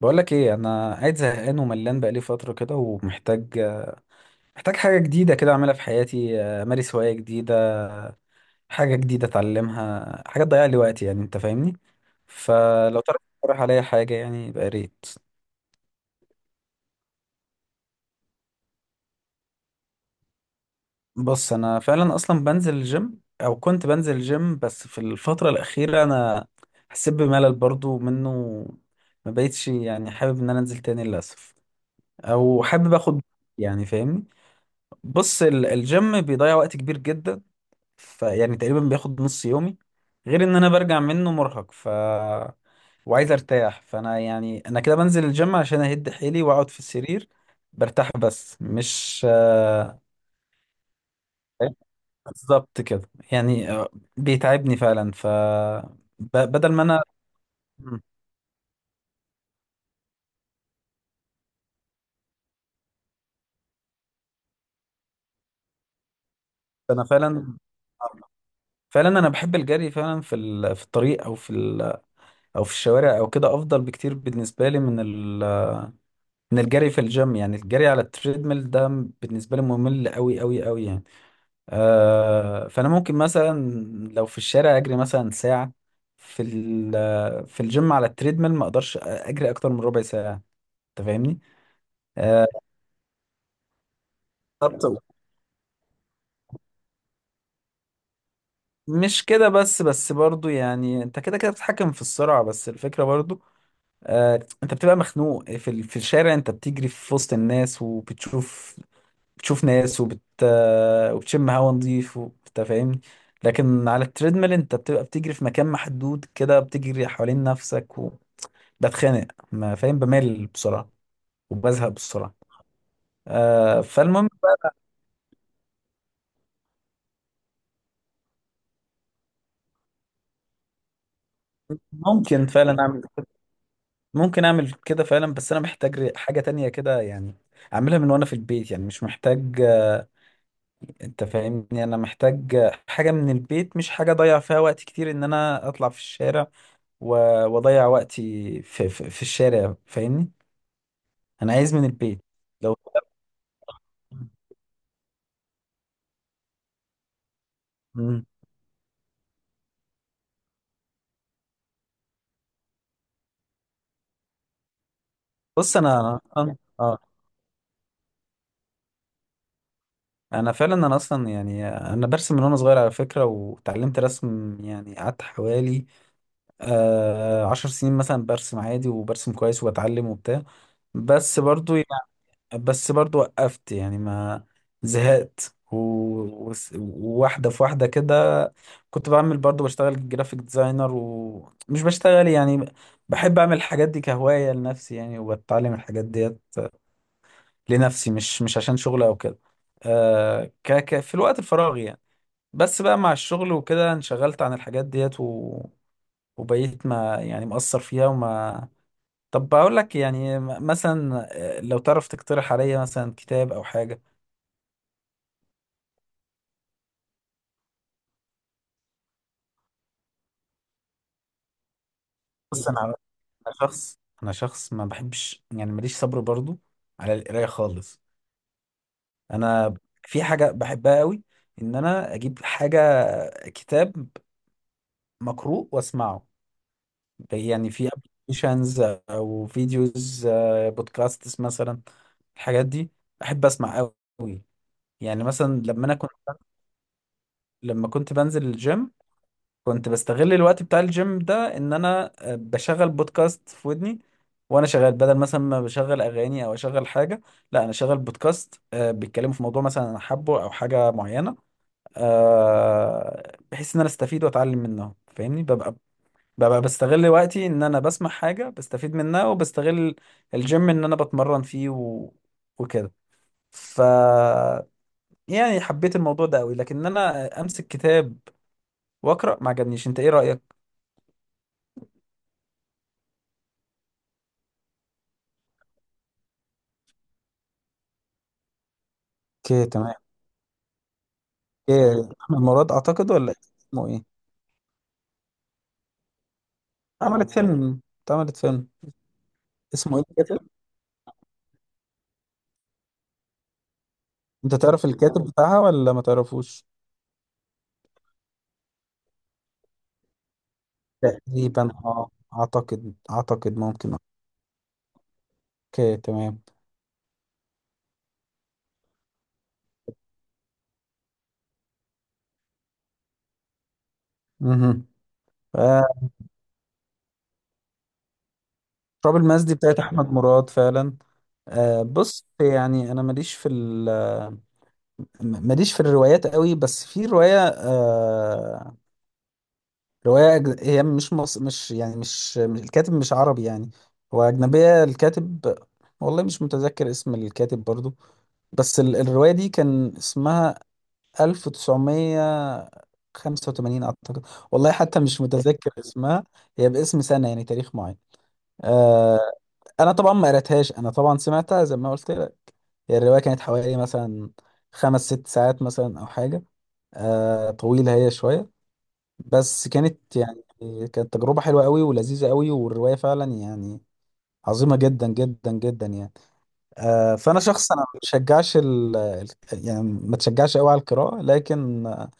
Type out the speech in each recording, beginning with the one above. بقولك ايه، انا قاعد زهقان وملان بقالي فتره كده، ومحتاج حاجه جديده كده اعملها في حياتي. امارس هوايه جديده، حاجه جديده اتعلمها، حاجه تضيع لي وقتي. يعني انت فاهمني، فلو تعرف تقترح عليا حاجه يعني يبقى يا ريت. بص، انا فعلا اصلا بنزل الجيم، او كنت بنزل الجيم، بس في الفتره الاخيره انا حسيت بملل برضو منه. ما بقيتش يعني حابب ان انا انزل تاني للاسف، او حابب اخد، يعني فاهمني. بص، الجيم بيضيع وقت كبير جدا، فيعني تقريبا بياخد نص يومي، غير ان انا برجع منه مرهق، وعايز ارتاح. فانا يعني انا كده بنزل الجيم عشان اهد حيلي واقعد في السرير برتاح، بس مش بالظبط كده يعني، بيتعبني فعلا. بدل ما انا مم. انا فعلا، فعلا انا بحب الجري فعلا في في الطريق، او في او في الشوارع او كده، افضل بكتير بالنسبه لي من من الجري في الجيم، يعني الجري على التريدميل ده بالنسبه لي ممل قوي قوي قوي يعني. فانا ممكن مثلا لو في الشارع اجري مثلا ساعه، في في الجيم على التريدميل ما اقدرش اجري اكتر من ربع ساعه. انت فاهمني؟ آه، طب مش كده بس، بس برضو يعني انت كده كده بتتحكم في السرعه، بس الفكره برضو انت بتبقى مخنوق. في في الشارع انت بتجري في وسط الناس، وبتشوف ناس، وبتشم هوا نظيف انت فاهمني. لكن على التريدميل انت بتبقى بتجري في مكان محدود كده، بتجري حوالين نفسك، بتخانق، ما فاهم، بمل بسرعة وبزهق بسرعة. آه، فالمهم ممكن فعلا اعمل، ممكن اعمل كده فعلا، بس انا محتاج حاجة تانية كده يعني، اعملها من وانا في البيت. يعني مش محتاج انت فاهمني، انا محتاج حاجة من البيت، مش حاجة اضيع فيها وقت كتير ان انا اطلع في الشارع و- واضيع وقتي في الشارع، فاهمني؟ انا عايز من البيت لو مم. بص انا اه انا فعلا، انا اصلا يعني انا برسم من وانا صغير على فكره، وتعلمت رسم يعني قعدت حوالي آه عشر سنين مثلا، برسم عادي وبرسم كويس وبتعلم وبتاع. بس برضو يعني، بس برضو وقفت يعني ما، زهقت وواحده في واحده كده. كنت بعمل برضو بشتغل جرافيك ديزاينر، ومش بشتغل يعني، بحب اعمل الحاجات دي كهوايه لنفسي يعني، وبتعلم الحاجات ديت لنفسي، مش عشان شغل او كده. آه، ك ك في الوقت الفراغ يعني. بس بقى مع الشغل وكده انشغلت عن الحاجات ديت و... وبقيت ما يعني مقصر فيها وما، طب بقول لك يعني مثلا لو تعرف تقترح عليا مثلا كتاب او حاجه. بص انا، أنا شخص انا شخص ما بحبش يعني، ماليش صبر برضو على القرايه خالص. انا في حاجه بحبها قوي، ان انا اجيب حاجه، كتاب مقروء واسمعه. يعني في ابلكيشنز او فيديوز، بودكاستس مثلا، الحاجات دي بحب اسمع قوي. يعني مثلا لما انا كنت، لما كنت بنزل الجيم كنت بستغل الوقت بتاع الجيم ده ان انا بشغل بودكاست في ودني وانا شغال، بدل مثلا ما بشغل اغاني او اشغل حاجه، لا انا شغال بودكاست بيتكلموا في موضوع مثلا انا حابه او حاجه معينه، بحيث ان انا استفيد واتعلم منهم. فاهمني؟ ببقى، ببقى بستغل وقتي ان انا بسمع حاجة بستفيد منها، وبستغل الجيم ان انا بتمرن فيه و... وكده. ف يعني حبيت الموضوع ده قوي، لكن انا امسك كتاب واقرا ما عجبنيش. انت ايه رأيك؟ اوكي تمام. ايه، احمد مراد اعتقد ولا إيه؟ اسمه ايه؟ عملت فيلم، اتعملت فيلم. اسمه ايه الكاتب؟ انت تعرف الكاتب بتاعها ولا ما تعرفوش؟ تقريبا اه، اعتقد، اعتقد ممكن. اوكي تمام. اها. آه، تراب الماس دي بتاعت احمد مراد فعلا. بص يعني انا ماليش في ال، ماليش في الروايات قوي، بس في روايه آه، روايه هي مش يعني الكاتب مش عربي يعني، هو اجنبيه الكاتب. والله مش متذكر اسم الكاتب برضو، بس ال... الروايه دي كان اسمها 1985 اعتقد، والله حتى مش متذكر اسمها، هي باسم سنه يعني تاريخ معين. آه، انا طبعا ما قريتهاش، انا طبعا سمعتها زي ما قلت لك. هي الرواية كانت حوالي مثلا خمس ست ساعات مثلا أو حاجة، آه طويلة هي شوية، بس كانت يعني، كانت تجربة حلوة قوي ولذيذة قوي، والرواية فعلا يعني عظيمة جدا جدا جدا يعني. آه، فأنا شخص أنا ما بشجعش يعني ما تشجعش قوي على القراءة، لكن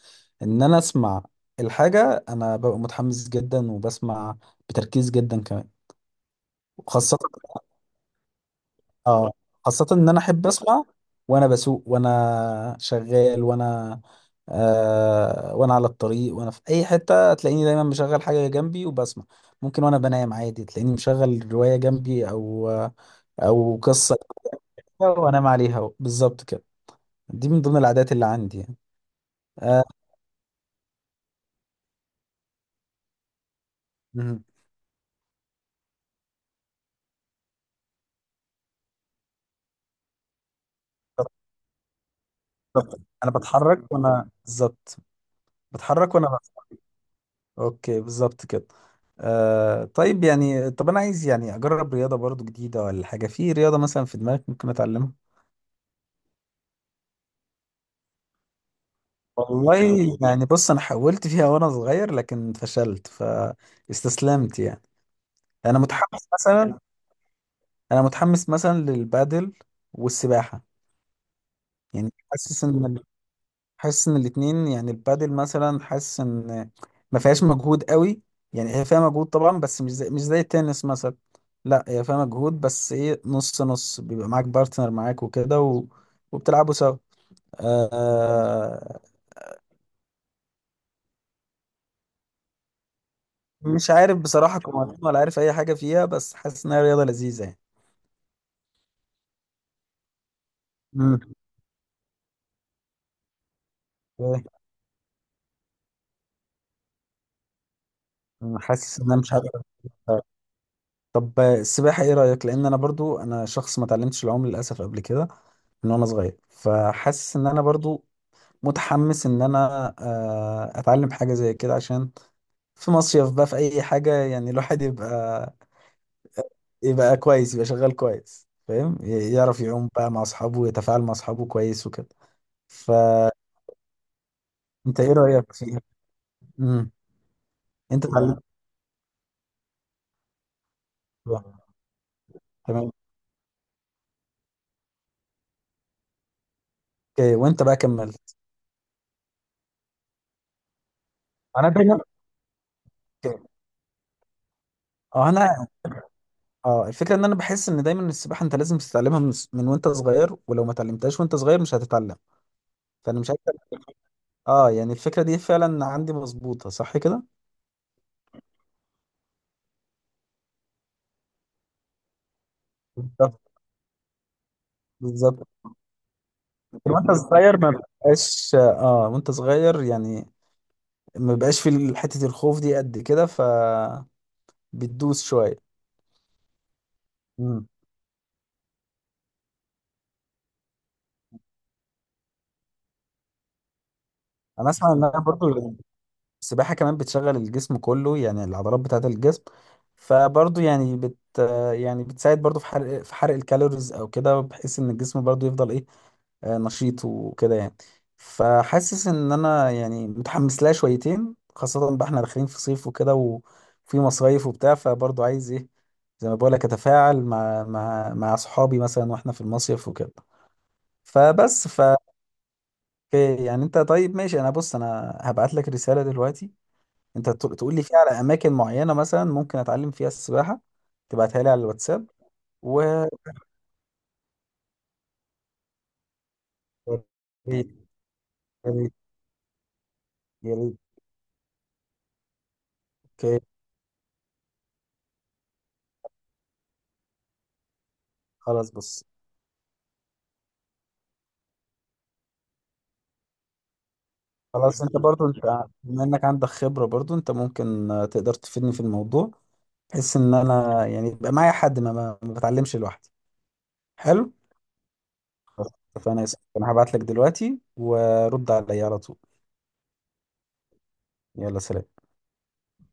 إن أنا أسمع الحاجة أنا ببقى متحمس جدا، وبسمع بتركيز جدا كمان. وخاصة اه، خاصة ان انا احب اسمع وانا بسوق وانا شغال وانا آه وانا على الطريق، وانا في اي حتة تلاقيني دايما مشغل حاجة جنبي وبسمع. ممكن وانا بنام عادي تلاقيني مشغل رواية جنبي، او او قصة كده وانام عليها، بالظبط كده. دي من ضمن العادات اللي عندي يعني. آه، مهم. بالظبط، انا بتحرك وانا، بالظبط بتحرك وانا اوكي بالظبط كده. آه طيب يعني، طب انا عايز يعني اجرب رياضه برضو جديده، ولا حاجه في رياضه مثلا في دماغك ممكن اتعلمها؟ والله يعني، بص انا حاولت فيها وانا صغير لكن فشلت فاستسلمت يعني. انا متحمس مثلا، انا متحمس مثلا للبادل والسباحه. يعني حاسس ان، حاسس ان الاتنين، يعني البادل مثلا حاسس ان ما فيهاش مجهود قوي، يعني هي فيها مجهود طبعا بس مش زي، مش زي التنس مثلا، لا هي فيها مجهود بس ايه، نص نص، بيبقى معاك بارتنر معاك وكده و... وبتلعبوا سوا. آه... مش عارف بصراحة قوانين، ولا عارف اي حاجة فيها، بس حاسس انها رياضة لذيذة يعني. مم. إيه، أنا حاسس ان انا مش هقدر. طب السباحة ايه رأيك؟ لان انا برضو انا شخص ما اتعلمتش العوم للاسف قبل كده من وانا صغير، فحاسس ان انا برضو متحمس ان انا اتعلم حاجه زي كده، عشان في مصيف بقى في اي حاجه يعني، الواحد يبقى، يبقى كويس، يبقى شغال كويس فاهم، يعرف يعوم بقى مع اصحابه، ويتفاعل مع اصحابه كويس وكده. فانت ايه رايك فيها؟ امم. انت اتعلمت؟ لا بقى. تمام. اوكي وانت بقى كملت؟ انا دايما. أوكي. اه انا، اه الفكره ان انا بحس ان دايما السباحه انت لازم تتعلمها من وانت صغير، ولو ما اتعلمتهاش وانت صغير مش هتتعلم. فانا مش عارف، اه يعني الفكره دي فعلا عندي مظبوطه صح كده. بالظبط. بالظبط وانت طفل صغير ما بقاش، اه وانت صغير يعني ما بقاش في حتة الخوف دي قد كده، فبتدوس شوية. مم. انا اسمع انها برضو السباحة كمان بتشغل الجسم كله، يعني العضلات بتاعة الجسم، فبرضو يعني بت، يعني بتساعد برضو في حرق، في حرق الكالوريز او كده، بحيث ان الجسم برضو يفضل ايه نشيط وكده يعني. فحاسس ان انا يعني متحمس لها شويتين، خاصة بقى احنا داخلين في صيف وكده وفي مصايف وبتاع، فبرضه عايز ايه، زي ما بقولك اتفاعل مع مع صحابي مثلا واحنا في المصيف وكده. فبس ف، أوكي، يعني انت طيب ماشي. انا بص، انا هبعت لك رسالة دلوقتي، انت تقول لي فيها على اماكن معينة مثلا ممكن اتعلم فيها السباحة، تبعتها لي على الواتساب. و يا ريت، يا ريت، يا ريت. اوكي خلاص. بص خلاص، انت برضو، انت بما انك عندك خبرة برضو انت ممكن تقدر تفيدني في الموضوع، بحيث ان انا يعني يبقى معايا حد، ما بتعلمش لوحدي. حلو خلاص، اتفقنا يا سيدي. انا هبعت لك دلوقتي ورد عليا على طول. يلا سلام.